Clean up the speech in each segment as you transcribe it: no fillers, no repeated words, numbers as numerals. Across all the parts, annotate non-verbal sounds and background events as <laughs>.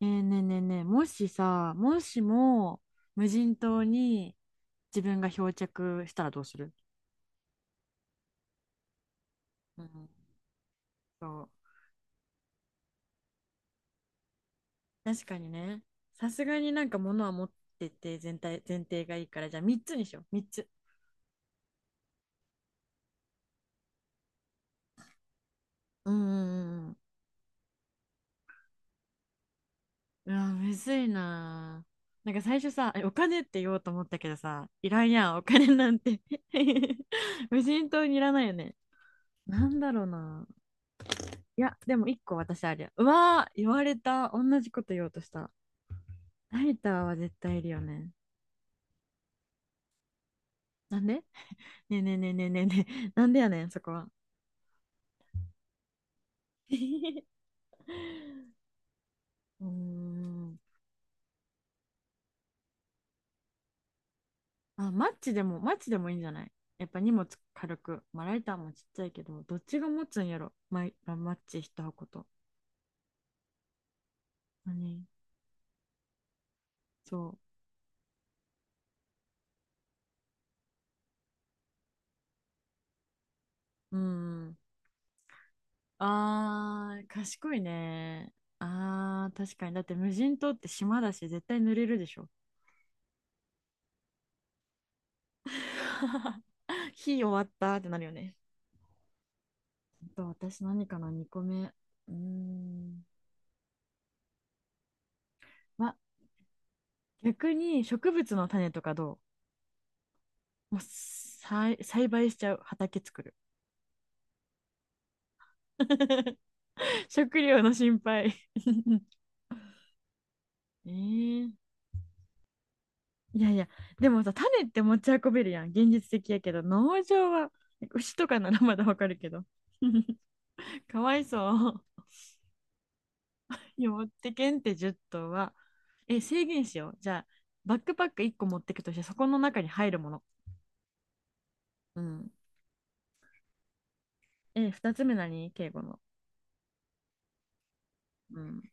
ねえねえねえねえ、もしさ、もしも無人島に自分が漂着したらどうする？うん。そう。確かにね、さすがになんか物は持ってて全体、前提がいいから、じゃあ3つにしよう、3つ。うんうんうん。うわ、むずいなあ。なんか最初さ、お金って言おうと思ったけどさ、いらんやん、お金なんて。 <laughs> 無人島にいらないよね。なんだろうな。いや、でも1個私あるや。うわー、言われた。同じこと言おうとした。ライターは絶対いるよね。なんで？ねえねえねえねえねえねえ。なんでやねん、そこは。<laughs> うーん。あ、マッチでも、マッチでもいいんじゃない？やっぱ荷物軽く。まあ、ライターもちっちゃいけど、どっちが持つんやろマイ、あマッチ一箱と。何？そう。うーん。あー、賢いね。あー、確かに。だって無人島って島だし、絶対濡れるでしょ。<laughs> 火終わったってなるよね。と私何かな、2個目。うーん。ま、逆に植物の種とかどう？もう栽培しちゃう。畑作る。<laughs> 食料の心配。 <laughs> えー、いやいや、でもさ、種って持ち運べるやん。現実的やけど、農場は牛とかならまだわかるけど。<laughs> かわいそう。いや持ってけんって10頭は。え、制限しよう。じゃあ、バックパック1個持ってくとして、そこの中に入るもの。うん。え、2つ目何、敬語の。うん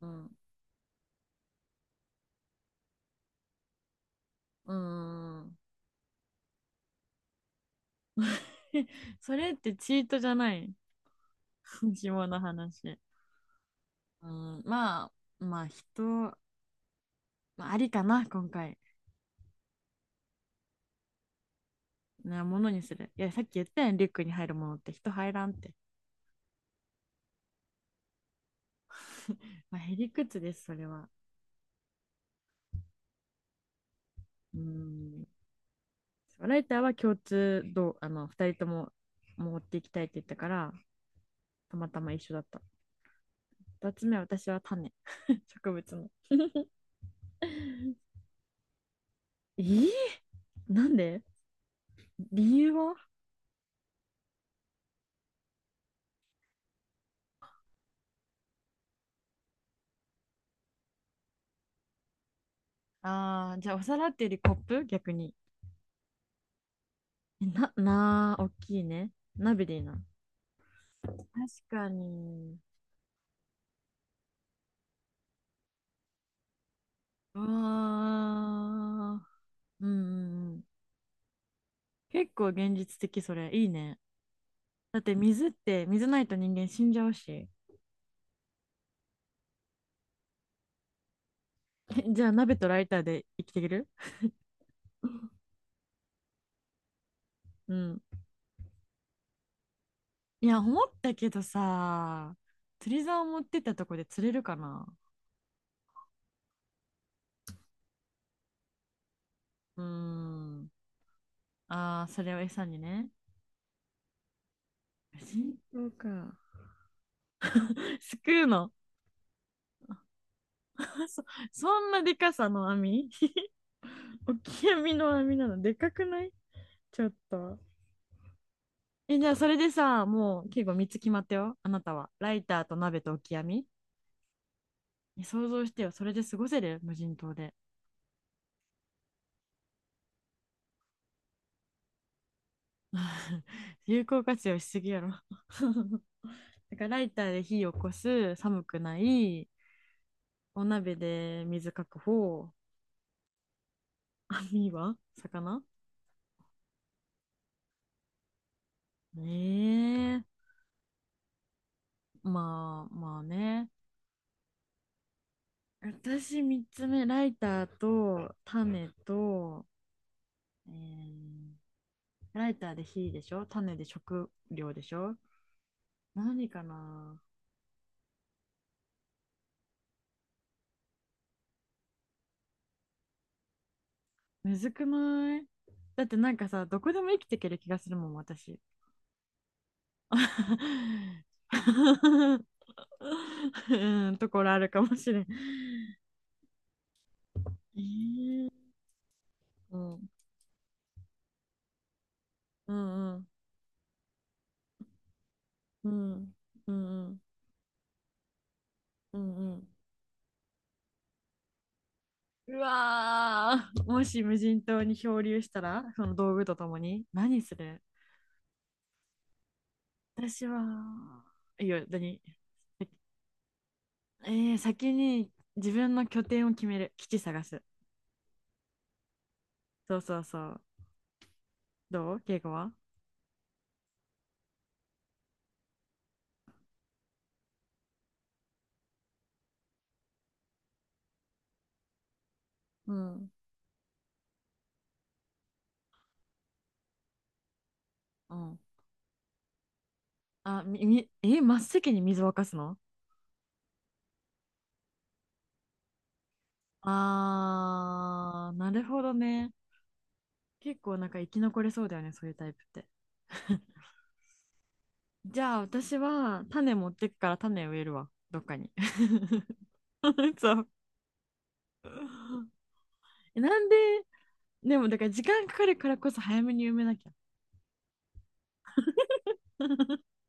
うんうんうん。 <laughs> それってチートじゃない？ <laughs> 紐の話。うん。ままあ、まあ、人、まあ、ありかな、今回。なものにする。いや、さっき言ったやん、リュックに入るものって人入らんって。 <laughs>。まあ、へりくつです、それは。うん。ライターは共通度、二人とも持っていきたいって言ったから、たまたま一緒だった。二つ目は私は種。 <laughs>。植物の。 <laughs>。えー、なんで？理由は？ああ、じゃあお皿っていうよりコップ逆に。えな、なー、大きいね。鍋でいいな。確かに。うわー。うんうんうん。結構現実的、それ。いいね。だって水って、水ないと人間死んじゃうし。えじゃあ鍋とライターで生きていける？うん。いや、思ったけどさ、釣り竿持ってったとこで釣れるかな？うーん。ああ、それを餌にね。シンか。<laughs> すくうの。あ、そんなでかさの網？ <laughs> 大きい網、 <laughs> の網なの？でかくないちょっと。え、じゃあそれでさ、もう結構3つ決まったよ。あなたは。ライターと鍋と置き網。え想像してよ。それで過ごせる無人島で。有効活用しすぎやろ。<laughs> だからライターで火を起こす、寒くない、お鍋で水確保、網は魚ねえ。まあまあね。私3つ目、ライターと種と、えーライターで火でしょ、種で食料でしょ、何かな？むずくない？だってなんかさ、どこでも生きていける気がするもん、私。 <laughs>。うん、ところあるかもしれん。えーうんうんうんうんうんうんうん。うわー、もし無人島に漂流したらその道具とともに何する？私は。いや何。え先に自分の拠点を決める。基地探す。そうそうそう。どう敬語は？うん。うん。あ、み、み、え、真っ先に水を沸かすの？あー、なるほどね。結構なんか生き残れそうだよね、そういうタイプって。<laughs> じゃあ私は種持ってくから種植えるわ、どっかに。<laughs> そう。えなんで、でもだから時間かかるからこそ早めに埋めなきゃ。<laughs>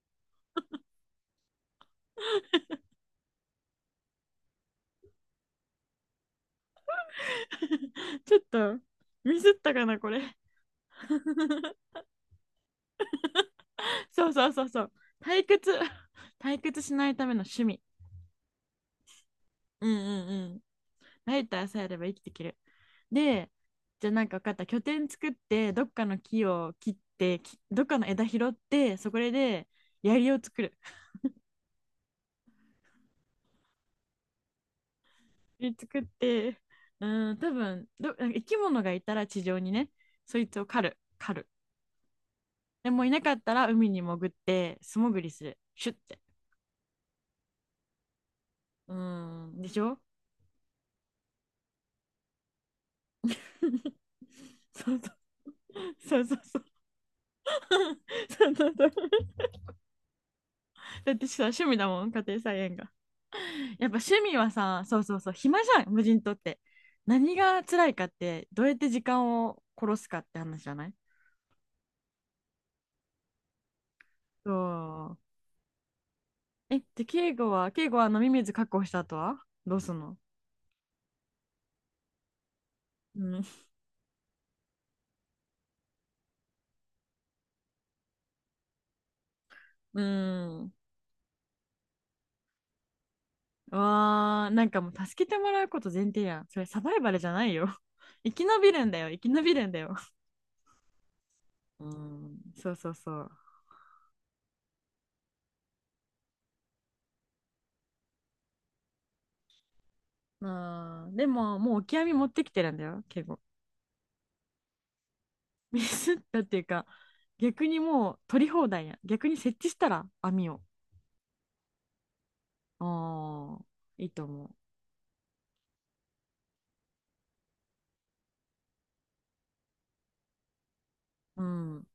ちょっとミスったかな、これ。そうそうそうそう。退屈。<laughs> 退屈しないための趣味。うんうんうん。ライターさえあれば生きていける。で、じゃあなんか分かった。拠点作って、どっかの木を切って、どっかの枝拾って、そこで槍を作る。槍作って、うん、多分なんか生き物がいたら地上にね、そいつを狩る。狩る。でもいなかったら海に潜って、素潜りする。シュッて。うん、でしょ。 <laughs> そうそうそうそうそう。<laughs> そうそうそう。だってさ趣味だもん家庭菜園が。やっぱ趣味はさ、そうそうそう、暇じゃん無人島って。何が辛いかって、どうやって時間を殺すかって話じゃない？そう。えで、敬語は飲み水確保した後はどうすんの？うんうん。わー、なんかもう助けてもらうこと前提やん、それサバイバルじゃないよ。 <laughs> 生き延びるんだよ、生き延びるんだよ。うん、そうそうそう。まあー、でももうオキアミ持ってきてるんだよ敬語。ミスったっていうか、逆にもう取り放題や。逆に設置したら網を。ああ、いいと思う。うん。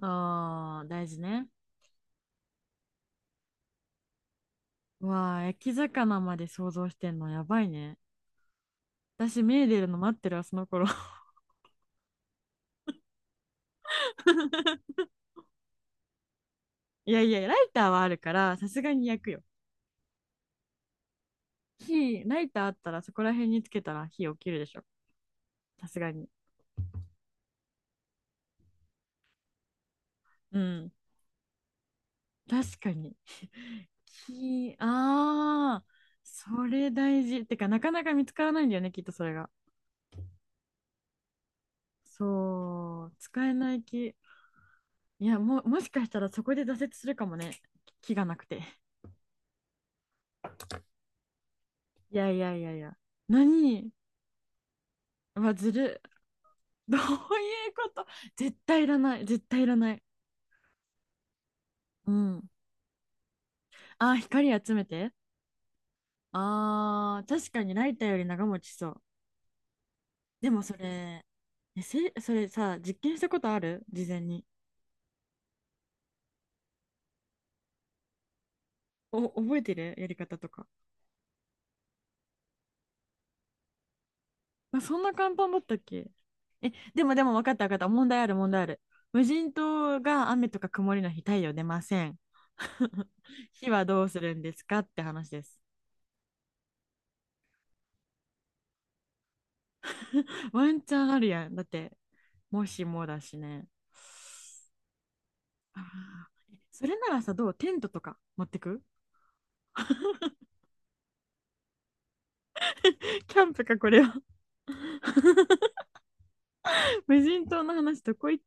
ああ、大事ね。うわあ、焼き魚まで想像してんのやばいね。私、目出るの待ってるわ、その頃。<laughs> いやいや、ライターはあるから、さすがに焼くよ。火、ライターあったらそこら辺につけたら火起きるでしょ。さすがに。うん。確かに。<laughs> 火、ああ、それ大事。てか、なかなか見つからないんだよね、きっとそれが。そう、使えない気。いや、しかしたらそこで挫折するかもね。気がなくて。いやいやいやいや。何？はずる。<laughs> どういうこと？絶対いらない。絶対いらない。うん。あー、光集めて。あー、確かにライターより長持ちしそう。でもそれ、それさ、実験したことある事前に？お、覚えてるやり方とか。あ、そんな簡単だったっけ？え、でもでも分かった分かった。問題ある問題ある。無人島が雨とか曇りの日、太陽出ません。<laughs> 火はどうするんですかって話です。ワンチャンあるやん。だって、もしもだしね。あー、それならさ、どうテントとか持ってく？ <laughs> キャンプか、これは。<laughs> 無人島の話、どこ行っ